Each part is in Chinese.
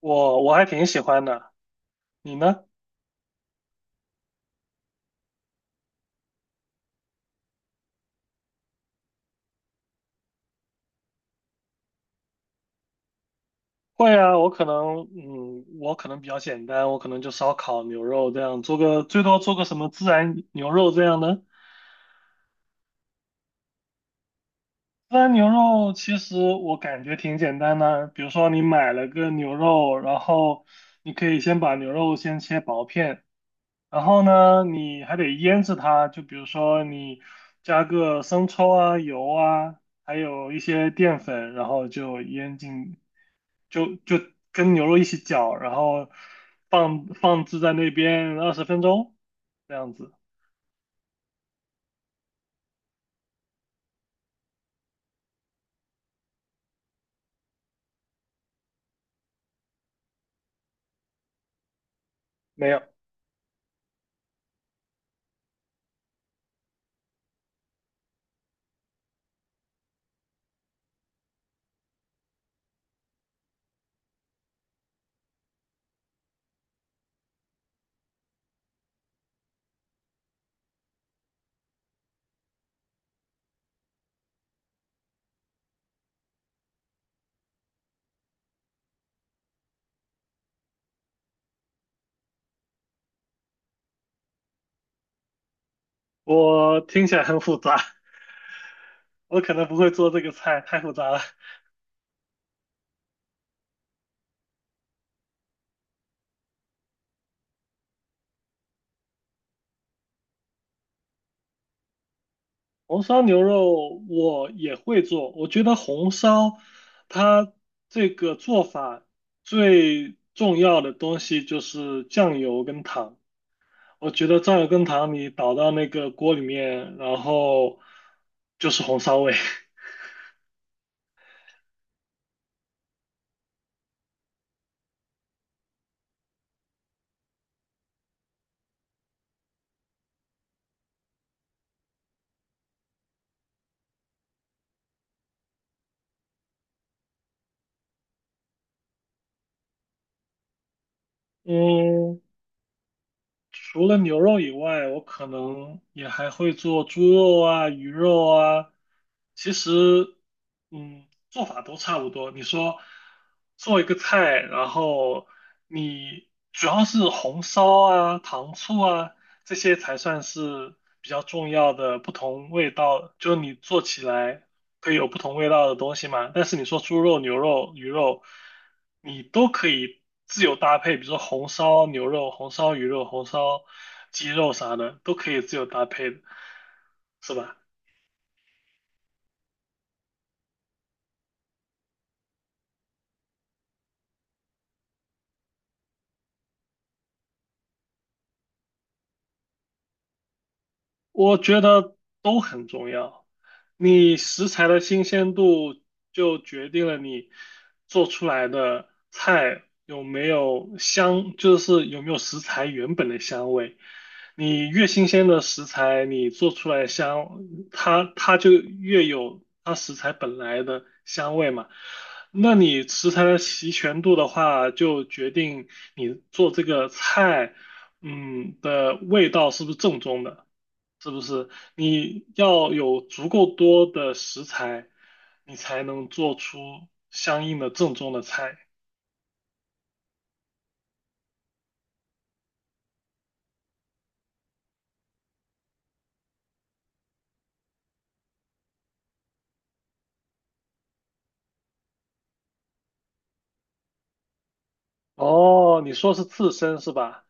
我还挺喜欢的，你呢？会啊，我可能，我可能比较简单，我可能就烧烤、牛肉这样，做个最多做个什么孜然牛肉这样的。孜然牛肉其实我感觉挺简单的，比如说你买了个牛肉，然后你可以先把牛肉先切薄片，然后呢，你还得腌制它，就比如说你加个生抽啊、油啊，还有一些淀粉，然后就腌进。就跟牛肉一起搅，然后放置在那边20分钟这样子。没有，我听起来很复杂，我可能不会做这个菜，太复杂了。红烧牛肉我也会做，我觉得红烧它这个做法最重要的东西就是酱油跟糖。我觉得酱油跟糖你倒到那个锅里面，然后就是红烧味。嗯，除了牛肉以外，我可能也还会做猪肉啊、鱼肉啊。其实，嗯，做法都差不多。你说做一个菜，然后你主要是红烧啊、糖醋啊这些才算是比较重要的不同味道，就是你做起来可以有不同味道的东西嘛。但是你说猪肉、牛肉、鱼肉，你都可以自由搭配，比如说红烧牛肉、红烧鱼肉、红烧鸡肉啥的，都可以自由搭配的，是吧？我觉得都很重要。你食材的新鲜度就决定了你做出来的菜有没有香，就是有没有食材原本的香味。你越新鲜的食材，你做出来的香，它就越有它食材本来的香味嘛。那你食材的齐全度的话，就决定你做这个菜，嗯的味道是不是正宗的。是不是？你要有足够多的食材，你才能做出相应的正宗的菜。哦，你说是刺身是吧？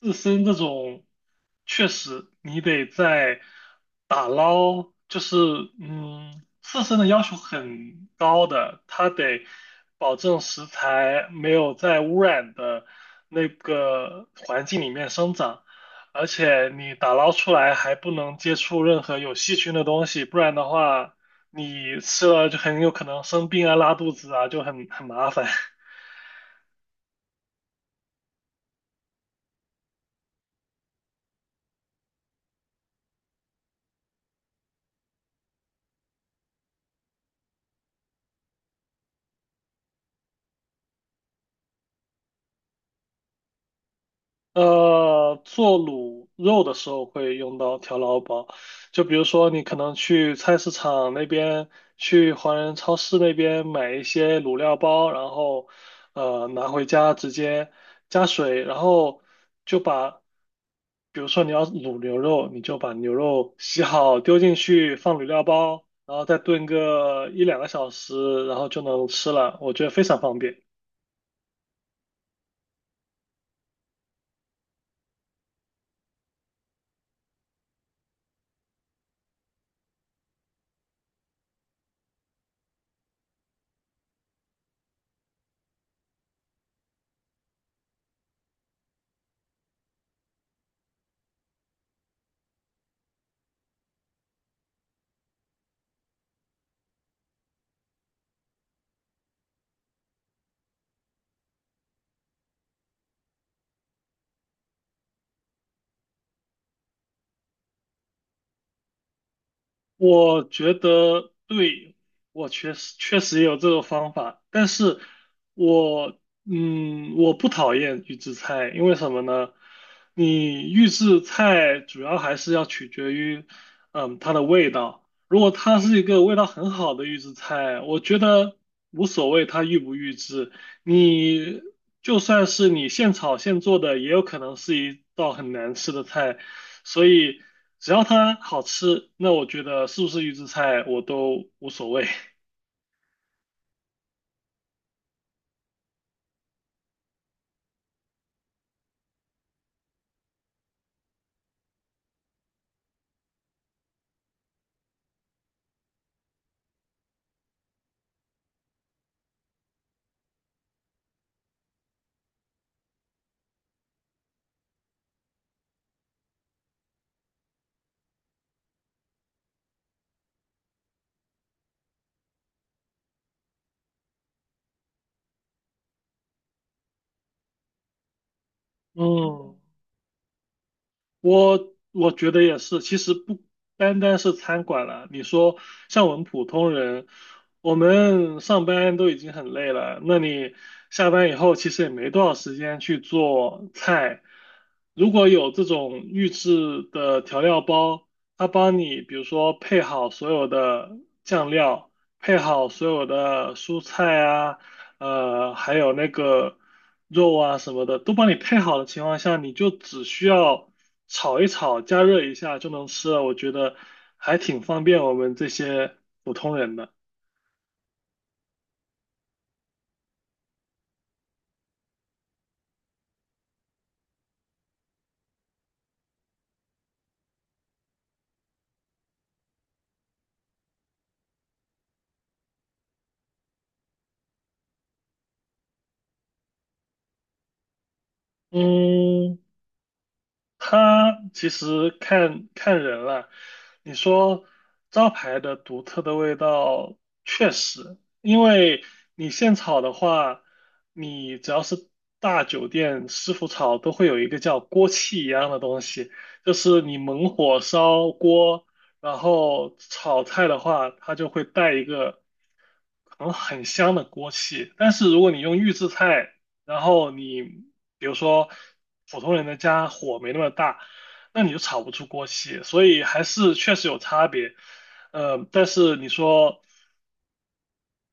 自身这种，确实你得在打捞，就是，嗯，自身的要求很高的，它得保证食材没有在污染的那个环境里面生长，而且你打捞出来还不能接触任何有细菌的东西，不然的话，你吃了就很有可能生病啊、拉肚子啊，就很麻烦。做卤肉的时候会用到调料包，就比如说你可能去菜市场那边，去华人超市那边买一些卤料包，然后拿回家直接加水，然后就把，比如说你要卤牛肉，你就把牛肉洗好丢进去放卤料包，然后再炖个一两个小时，然后就能吃了，我觉得非常方便。我觉得对，我确实也有这个方法，但是我，我不讨厌预制菜，因为什么呢？你预制菜主要还是要取决于嗯它的味道，如果它是一个味道很好的预制菜，我觉得无所谓它预不预制，你就算是你现炒现做的，也有可能是一道很难吃的菜。所以只要它好吃，那我觉得是不是预制菜我都无所谓。嗯。 我觉得也是，其实不单单是餐馆了。你说像我们普通人，我们上班都已经很累了，那你下班以后其实也没多少时间去做菜。如果有这种预制的调料包，它帮你比如说配好所有的酱料，配好所有的蔬菜啊，还有那个肉啊什么的，都帮你配好的情况下，你就只需要炒一炒，加热一下就能吃了。我觉得还挺方便我们这些普通人的。嗯，它其实看看人了。你说招牌的独特的味道，确实，因为你现炒的话，你只要是大酒店师傅炒，都会有一个叫锅气一样的东西，就是你猛火烧锅，然后炒菜的话，它就会带一个很香的锅气。但是如果你用预制菜，然后你比如说普通人的家火没那么大，那你就炒不出锅气，所以还是确实有差别。但是你说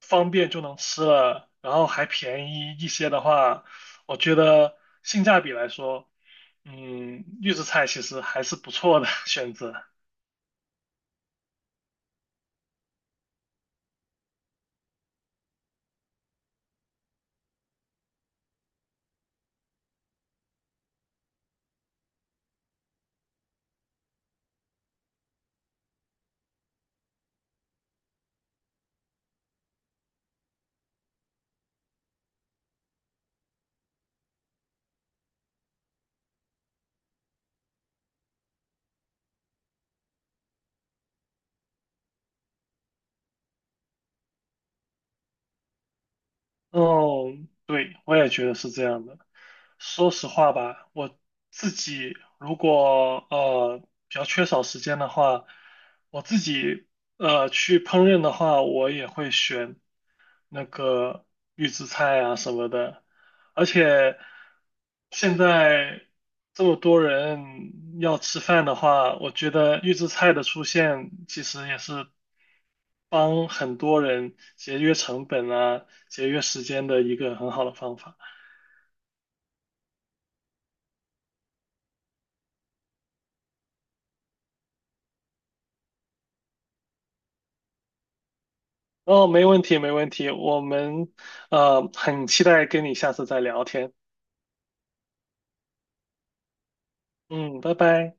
方便就能吃了，然后还便宜一些的话，我觉得性价比来说，预制菜其实还是不错的 选择。哦，对，我也觉得是这样的。说实话吧，我自己如果比较缺少时间的话，我自己去烹饪的话，我也会选那个预制菜啊什么的。而且现在这么多人要吃饭的话，我觉得预制菜的出现其实也是帮很多人节约成本啊、节约时间的一个很好的方法。哦，没问题，没问题，我们很期待跟你下次再聊天。嗯，拜拜。